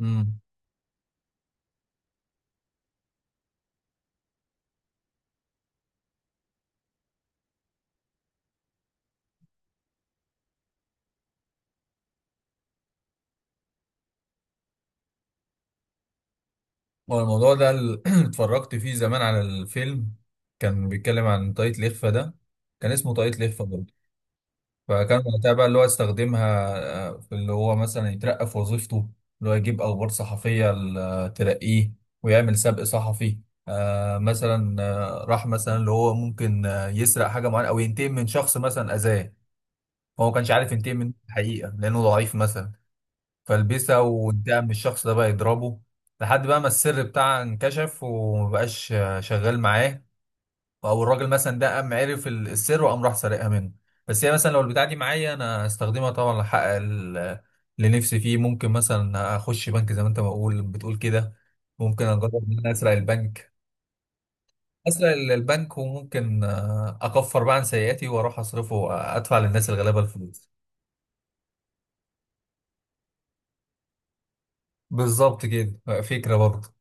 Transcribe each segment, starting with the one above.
امم هو الموضوع ده اتفرجت فيه زمان على الفيلم. كان بيتكلم عن طاقية الإخفاء ده، كان اسمه طاقية الإخفاء برضه. فكان وقتها بقى اللي هو استخدمها، في اللي هو مثلا يترقى في وظيفته، اللي هو يجيب أخبار صحفية ترقيه ويعمل سبق صحفي. مثلا راح مثلا اللي هو ممكن يسرق حاجة معينة أو ينتقم من شخص مثلا أذاه. هو ما كانش عارف ينتقم من الحقيقة لأنه ضعيف مثلا، فلبسه وقدام الشخص ده بقى يضربه لحد بقى ما السر بتاعه انكشف ومبقاش شغال معاه. او الراجل مثلا ده قام عرف السر وقام راح سارقها منه. بس هي مثلا لو البتاعه دي معايا انا هستخدمها طبعا لحقق اللي نفسي فيه. ممكن مثلا اخش بنك زي ما انت بتقول كده، ممكن اجرب ان انا اسرق البنك. اسرق البنك وممكن اكفر بقى عن سيئاتي واروح اصرفه وادفع للناس الغلابه الفلوس. بالظبط كده، فكره برضه.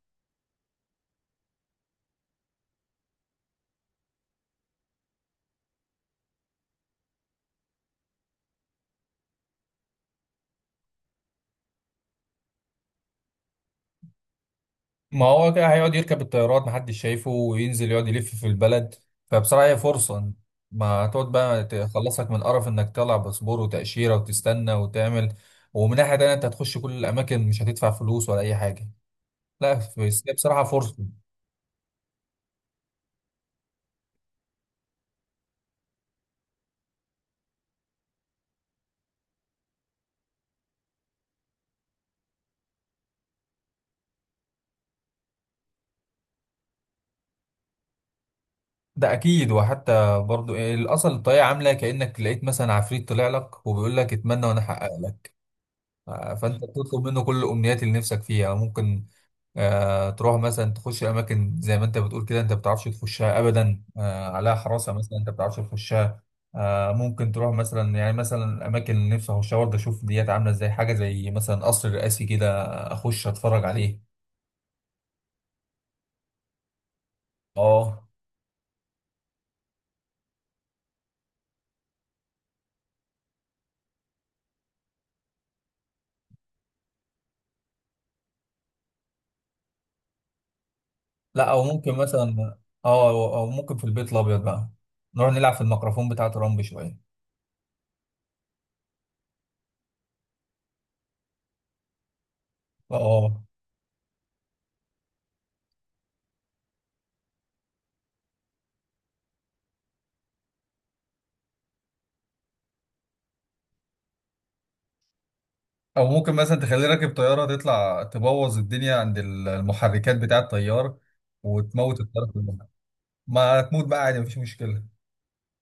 ما هو كده هيقعد يركب الطيارات محدش شايفه وينزل يقعد يلف في البلد، فبصراحة هي فرصة. ما هتقعد بقى تخلصك من قرف انك تطلع باسبور وتأشيرة وتستنى وتعمل، ومن ناحية تانية انت هتخش كل الأماكن، مش هتدفع فلوس ولا أي حاجة. لا بس هي بصراحة فرصة. ده أكيد، وحتى برضو إيه، الأصل الطريقة عاملة كأنك لقيت مثلا عفريت طلع لك وبيقول لك اتمنى وأنا أحقق لك. فانت بتطلب منه كل الامنيات اللي نفسك فيها. ممكن تروح مثلا تخش اماكن زي ما انت بتقول كده، انت ما بتعرفش تخشها ابدا، عليها حراسه مثلا، انت ما بتعرفش تخشها. ممكن تروح مثلا، يعني مثلا اماكن اللي نفسي اخشها برضه، اشوف ديات عامله ازاي، حاجه زي مثلا قصر رئاسي كده، اخش اتفرج عليه. اه، لا او ممكن مثلا. اه، او ممكن في البيت الابيض بقى نروح نلعب في الميكروفون بتاع ترامب شويه. اه، او ممكن مثلا تخليه راكب طياره، تطلع تبوظ الدنيا عند المحركات بتاع الطيار، وتموت الطياره كلها. ما تموت بقى عادي، مفيش مشكله.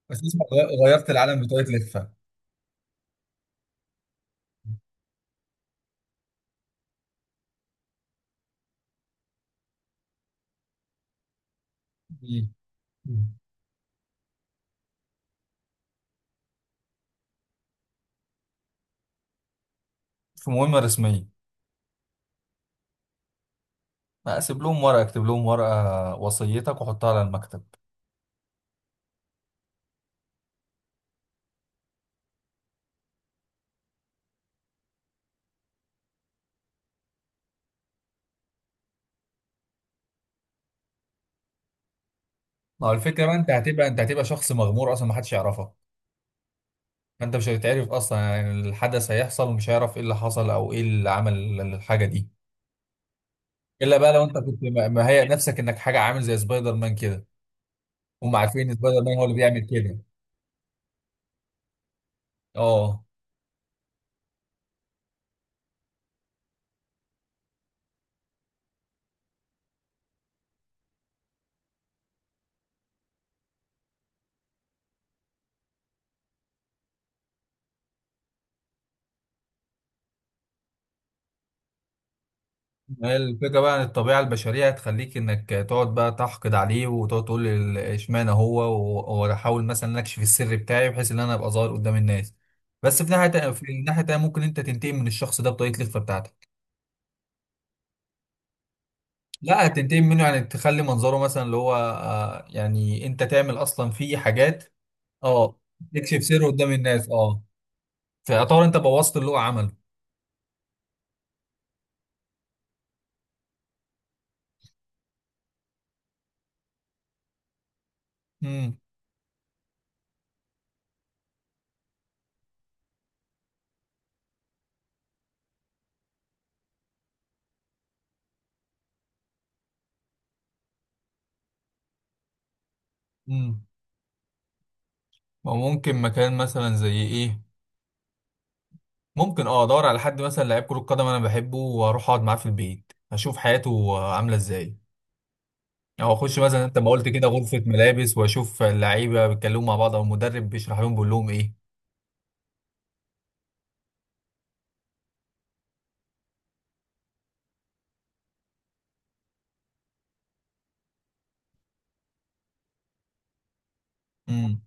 بس اسمع، غيرت العالم بطريقه لفه. مم. في مهمه رسميه. اكتب لهم ورقه وصيتك وحطها على المكتب. ما هو الفكرة بقى، انت هتبقى شخص مغمور اصلا، ما حدش يعرفك، فانت مش هتتعرف اصلا. يعني الحدث هيحصل ومش هيعرف ايه اللي حصل او ايه اللي عمل الحاجة دي. الا بقى لو انت كنت مهيئ نفسك انك حاجة عامل زي سبايدر مان كده، هم عارفين إن سبايدر مان هو اللي بيعمل كده. اه، ما هي الفكرة بقى ان الطبيعة البشرية هتخليك انك تقعد بقى تحقد عليه وتقعد تقول، اشمعنى هو، وانا احاول مثلا اكشف السر بتاعي بحيث ان انا ابقى ظاهر قدام الناس. بس في ناحية في الناحية التانية ممكن انت تنتقم من الشخص ده بطريقة الخفة بتاعتك. لا هتنتقم منه، يعني تخلي منظره مثلا اللي هو يعني انت تعمل اصلا فيه حاجات. اه، تكشف سره قدام الناس، اه. فيعتبر انت بوظت اللي هو عمله. امم امم وممكن مكان مثلا زي ايه، ممكن ادور على حد مثلا لعيب كرة قدم انا بحبه، واروح اقعد معاه في البيت اشوف حياته عاملة ازاي، او اخش مثلا انت ما قلت كده غرفة ملابس، واشوف اللعيبة بيتكلموا مع بعض او المدرب بيشرح لهم بيقول لهم ايه. امم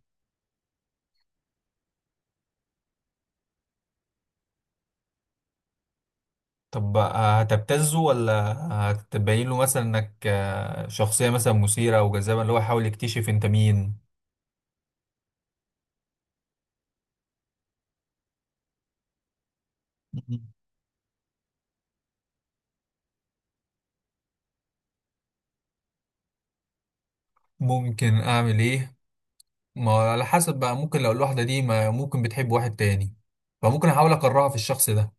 طب هتبتزه ولا هتبين له مثلا انك شخصية مثلا مثيرة او جذابة اللي هو يحاول يكتشف انت مين؟ مم. ممكن اعمل ايه؟ ما هو على حسب بقى، ممكن لو الواحدة دي ما ممكن بتحب واحد تاني، فممكن احاول اكرهها في الشخص ده.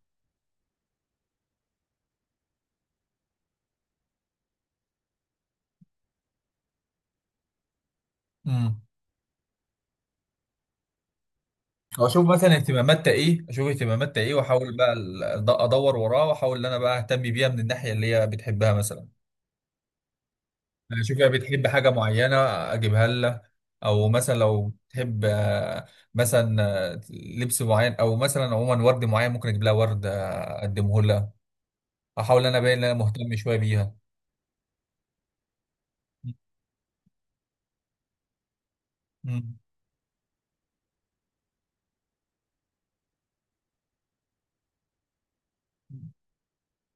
مم. اشوف مثلا اهتماماتها ايه، واحاول بقى ادور وراها، واحاول ان انا بقى اهتم بيها من الناحيه اللي هي بتحبها مثلا. يعني اشوف هي بتحب حاجه معينه، اجيبها لها. او مثلا لو تحب مثلا لبس معين، او مثلا عموما ورد معين، ممكن اجيب لها ورد، اقدمه لها. احاول ان انا باين ان انا مهتم شويه بيها. مم.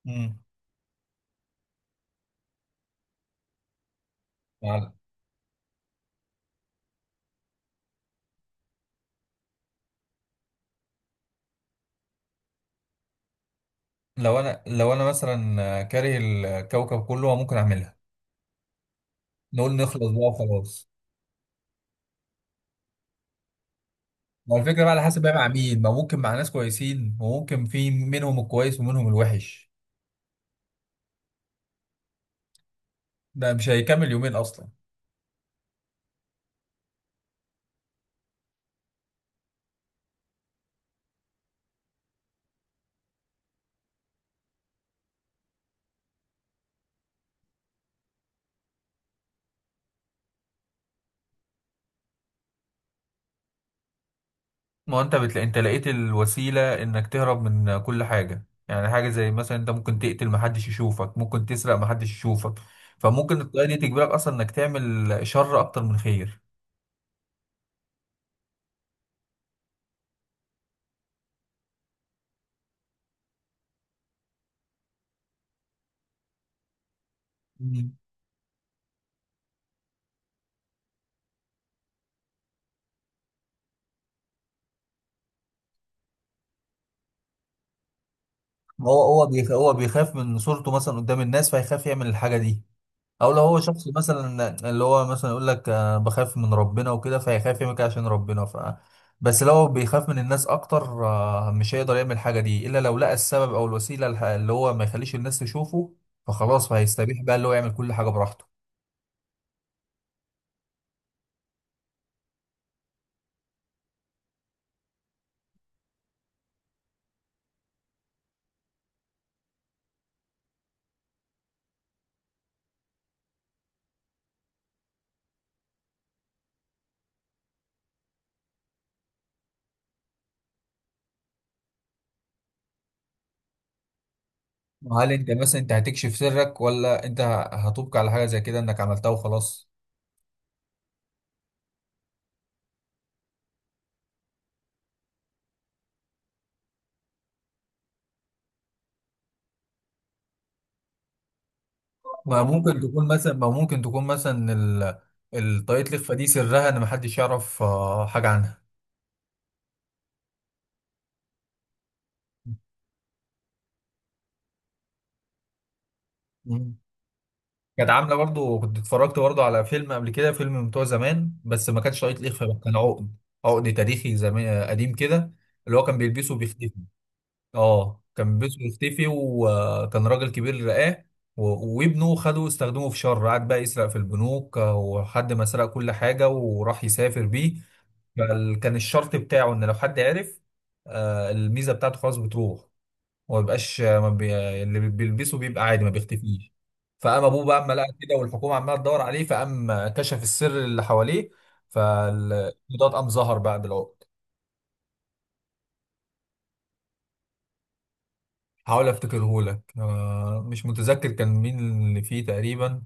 مم. يعني لو انا مثلا كاره الكوكب كله ممكن اعملها، نقول نخلص بقى وخلاص. ما هو الفكرة بقى على حسب بقى مع مين. ما ممكن مع ناس كويسين، وممكن في منهم الكويس ومنهم الوحش. ده مش هيكمل يومين اصلا. ما هو انت بتلاقي، انت لقيت الوسيله انك تهرب من كل حاجه، يعني حاجه زي مثلا انت ممكن تقتل محدش يشوفك، ممكن تسرق محدش يشوفك. فممكن الطريقه دي تجبرك اصلا انك تعمل شر اكتر من خير. مم. هو بيخاف من صورته مثلا قدام الناس فيخاف يعمل الحاجه دي. او لو هو شخص مثلا اللي هو مثلا يقول لك بخاف من ربنا وكده، فهيخاف يعمل كده عشان ربنا ف. بس لو بيخاف من الناس اكتر مش هيقدر يعمل الحاجه دي الا لو لقى السبب او الوسيله اللي هو ما يخليش الناس تشوفه. فخلاص فهيستبيح بقى اللي هو يعمل كل حاجه براحته. هل انت مثلا انت هتكشف سرك، ولا انت هتبقى على حاجه زي كده انك عملتها وخلاص؟ ما ممكن تكون مثلا الطاقية الإخفاء دي سرها ان محدش يعرف حاجه عنها. كانت عامله برضو، كنت اتفرجت برضو على فيلم قبل كده، فيلم من بتوع زمان، بس ما كانش طاقية لخفة بقى، كان عقد. عقد تاريخي زمان قديم كده، اللي هو كان بيلبسه وبيختفي. اه، كان بيلبسه وبيختفي، وكان راجل كبير رقاه، وابنه خده استخدمه في شر، قعد بقى يسرق في البنوك، وحد ما سرق كل حاجه وراح يسافر بيه. فكان الشرط بتاعه ان لو حد عرف الميزه بتاعته خلاص بتروح، وما بيبقاش ما بي... اللي بيلبسه بيبقى عادي ما بيختفيش. فقام ابوه بقى اما لقى كده والحكومه عماله تدور عليه، فقام كشف السر اللي حواليه. فالضاد قام ظهر بقى بالعقد. حاول افتكره لك، مش متذكر كان مين اللي فيه تقريبا،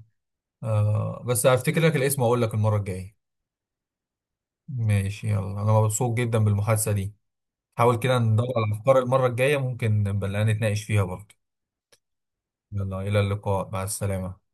بس هفتكر لك الاسم واقول لك المره الجايه. ماشي، يلا انا مبسوط جدا بالمحادثه دي. حاول كده ندور على الافكار المره الجايه، ممكن نبقى نتناقش فيها برضه. يلا الى اللقاء، مع السلامه.